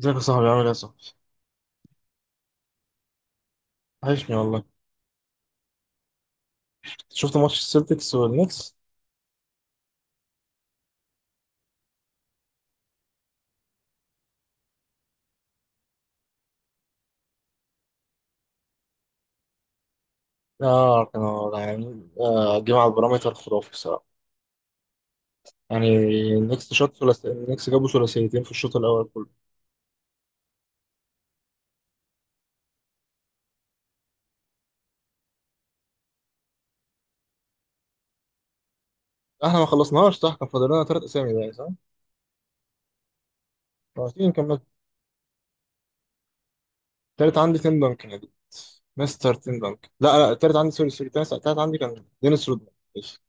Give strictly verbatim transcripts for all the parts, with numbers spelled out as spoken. ازيك يا صاحبي، عامل ايه يا صاحبي؟ وحشني والله. شفت ماتش السلتكس والنكس؟ اه، كانوا يعني آه جمع على البارامتر خرافي بصراحة. يعني النكس شوت ثلاث، النكس جابوا ثلاثيتين في الشوط الأول كله. احنا ما خلصناش، صح؟ كان فاضل لنا ثلاث أسامي بقى، صح؟ عارفين، كملت. التالت عندي تيم دانكن يا دود. مستر تيم دانكن، لا لا، التالت عندي، سوري سوري، التالت التالت عندي كان دينيس رودمان، ماشي.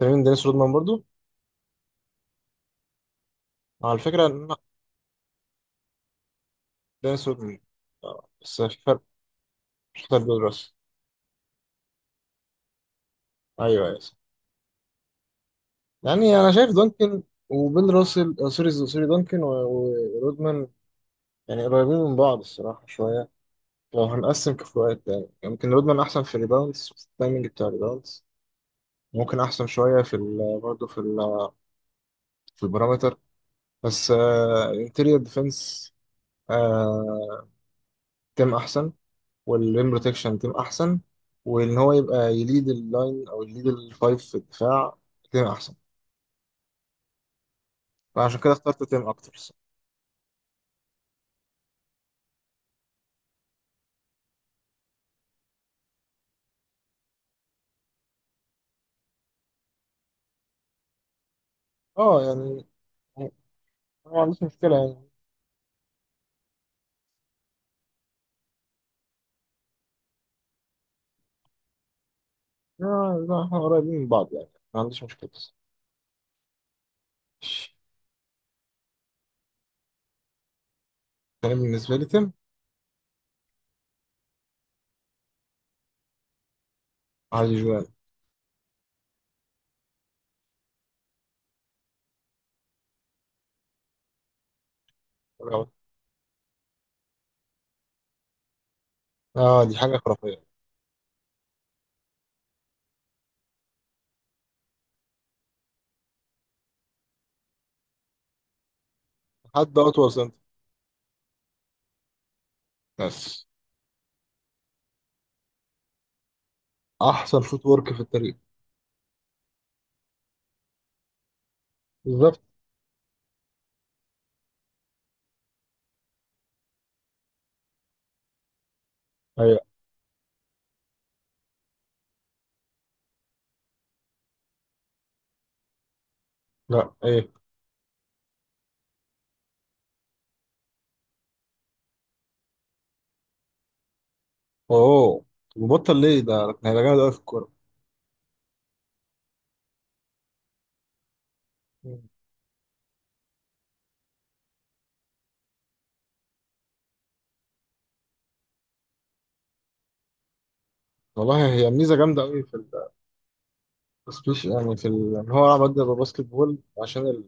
فاهمين دينيس رودمان برضو؟ على فكرة إن- لا، دينيس رودمان. آه، بس في فرق، مش فرق دول راس. ايوه ايوه، يعني انا شايف دانكن وبيل راسل، آه، سوري سوري، دانكن و- و- ورودمان يعني قريبين من بعض الصراحه شويه. لو هنقسم كفاءات، يعني يمكن رودمان احسن في الريباوندز، في التايمنج بتاع الريباوندز. ممكن احسن شويه في ال- برضه في ال- في البارامتر. بس الانتيريور ديفense تيم احسن، والريم بروتكشن تيم احسن. وان هو يبقى يليد اللاين او يليد الفايف في الدفاع، تيم احسن. فعشان كده اخترت تيم اكتر الصراحة. اه يعني، يعني، ما عنديش مشكله يعني. آه لا، احنا قريبين من بعض يعني، ما عنديش مشكلة. ماشي. أنا بالنسبة لي تم علي جوان. آه، دي حاجة خرافية. حد أطول سنتر، بس أحسن شوت ورك في التاريخ. بالظبط. أيوة. لا، إيه؟ أوه، بطل ليه؟ ده ده جامد أوي في الكورة. مم. والله هي ميزة جامدة أوي في السبيش، يعني في ال- إن هو عمل ده باسكت بول. عشان ال...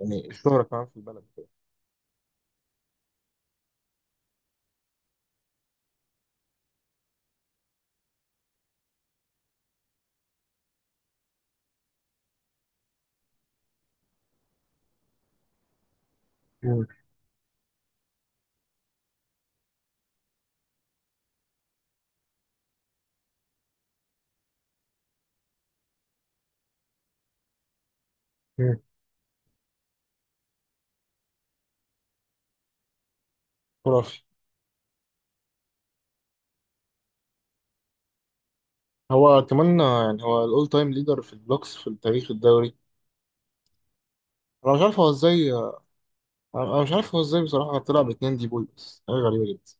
يعني الشهرة كمان في البلد كده. مم. مم. خرافي. هو كمان، آه، يعني هو الأول تايم ليدر في البلوكس في تاريخ الدوري. أنا مش عارف هو إزاي انا مش عارف هو ازاي بصراحه طلع باتنين دي بوي، بس حاجه غريبه جدا.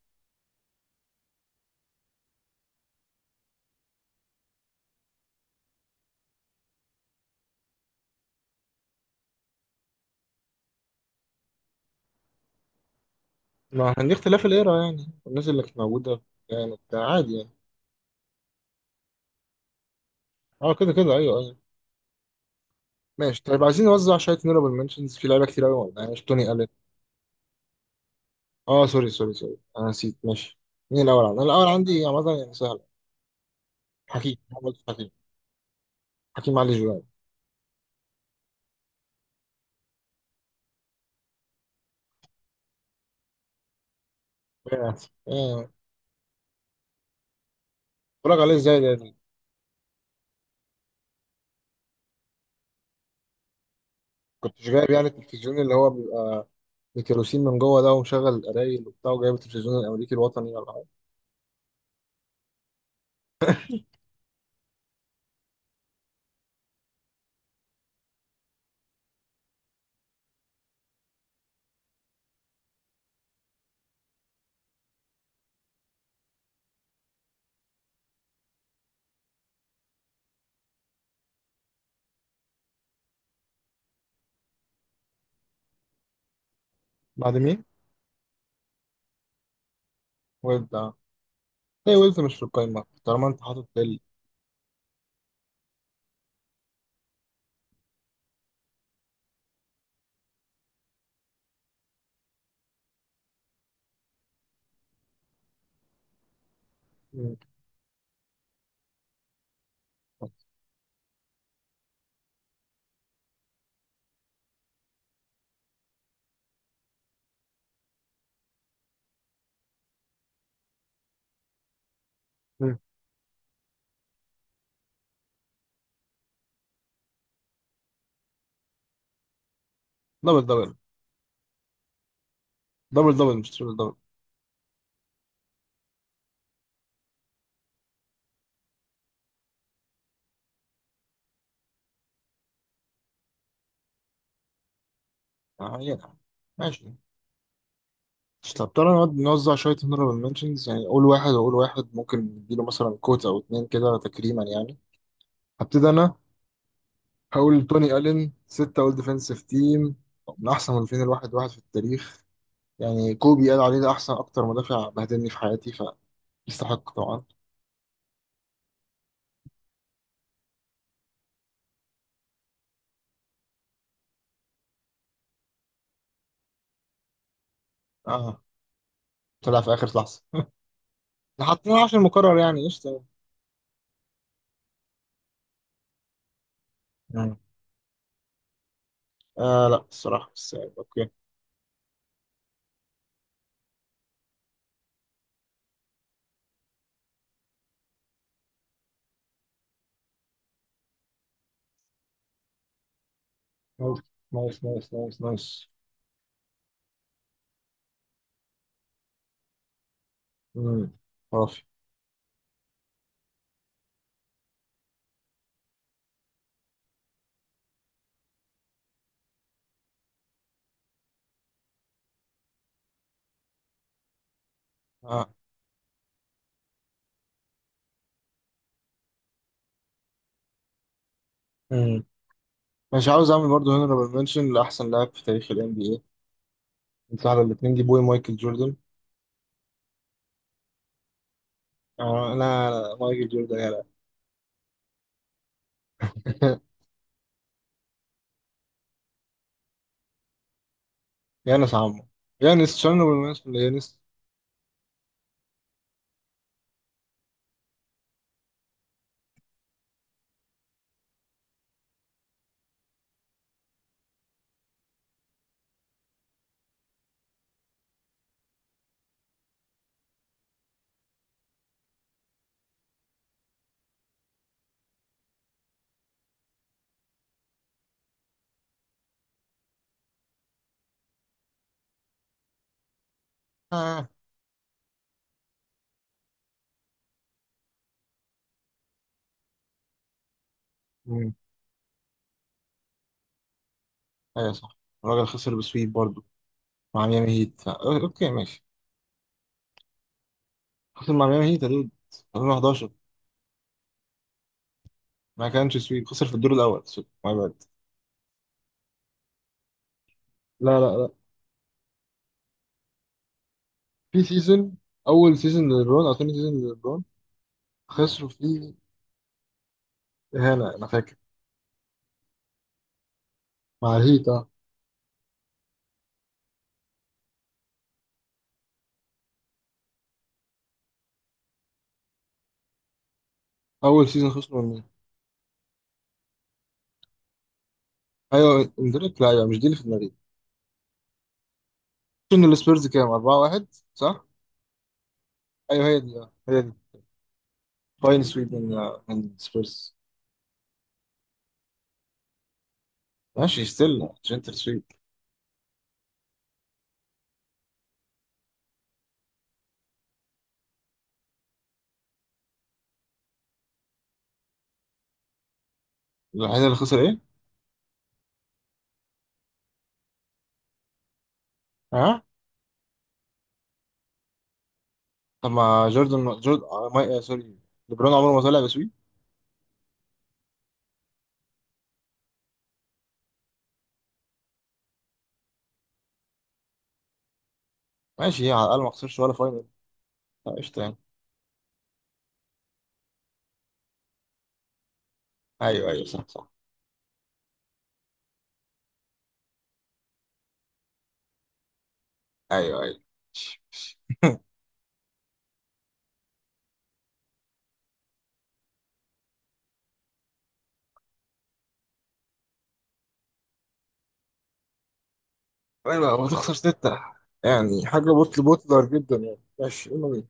ما عن دي اختلاف الايرا، يعني الناس اللي كانت موجوده. يعني بتاع عادي يعني. اه، كده كده، ايوه ايوه. ماشي. طيب، عايزين نوزع شويه نورابل منشنز في لعيبه كتير قوي، يعني مش توني الين. اه سوري سوري سوري، انا نسيت، ماشي. مين الاول عندي؟ الاول عندي عامه يعني سهل. حكيم، محمد حكيم، حكيم علي جوان. اه. آه. اتفرج عليه ازاي ده يعني؟ كنتش جايب يعني التلفزيون اللي هو بيبقى بكيروسين من جوه ده، ومشغل القرايل وبتاع، وجايب التلفزيون الامريكي الوطني، ولا حاجه؟ بعد مين؟ ويب. آه. هي ويلز مش في القايمة طالما أنت حاطط بيل. مم. مم. دبل دبل. دبل دبل، مش تريبل دبل. آه يعني. ماشي. طب تعالى نقعد نوزع شوية honorable mentions، يعني قول واحد وقول واحد، ممكن نديله مثلا كوت أو اتنين كده تكريما يعني. هبتدي أنا. هقول توني ألين، ستة أول ديفنسيف تيم، من أحسن مدافعين الواحد واحد في التاريخ. يعني كوبي قال عليه ده أحسن أكتر مدافع بهدلني في حياتي، فيستحق طبعا. آه، طلع في آخر لحظة. حاطينه عشان مكرر، يعني قشطة. آه لا، الصراحة مش صعب، اوكي. نايس نايس نايس نايس نايس. امم. خرافي. آه. مم. مش عاوز اعمل برضه هنرابل منشن لاحسن لاعب في تاريخ ال إن بي إيه. انت على الاتنين جيبوه مايكل جوردن. آه لا لا، مايكل جوردن يا لا. يانس عمو. يانس، تشيرنوبل منشن يانس. آه. امم. ايوه صح. الراجل خسر بسويت برضه مع ميامي هيت، آه، اوكي ماشي. خسر مع ميامي هيت يا دود، ألفين وحداشر. ما كانش سويت، خسر في الدور الاول، سوري، my bad. لا لا لا، في سيزون. اول سيزون للبرون او تاني سيزون للبرون خسروا فيه. اهانه، انا فاكر. مع الهيت، اه. اول سيزون خسروا من مين؟ ايوه اندريك، لا ايوه، مش دي اللي في دماغي. سيزون السبيرز كام؟ أربعة واحد صح؟ ايوه هي دي، آه، هي دي. فاين سويب من، آه، من السبيرز. ماشي، ستيل جنتل سويب. الوحيد اللي خسر ايه؟ ها؟ طب ما جوردن جورد آه، ماي آه، سوري، ليبرون عمره ما طلع بسويب. ماشي، على الاقل ما خسرش ولا فاينل. آه، قشطه يعني. ايوه ايوه، صح صح. ايوه ايوه. ايوه، وتخسر ستة. يعني حاجة بطل، بطلر جدا يعني. ماشي، يلا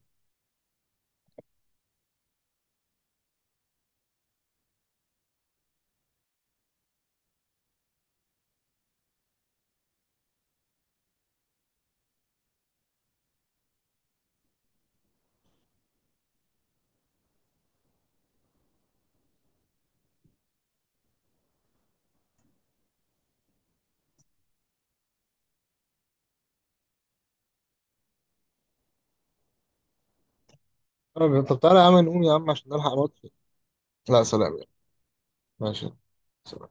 بينا. أنا- طب تعالى يا عم نقوم يا عم عشان نلحق ماتش. لا، سلام يعني. ماشي. سلام.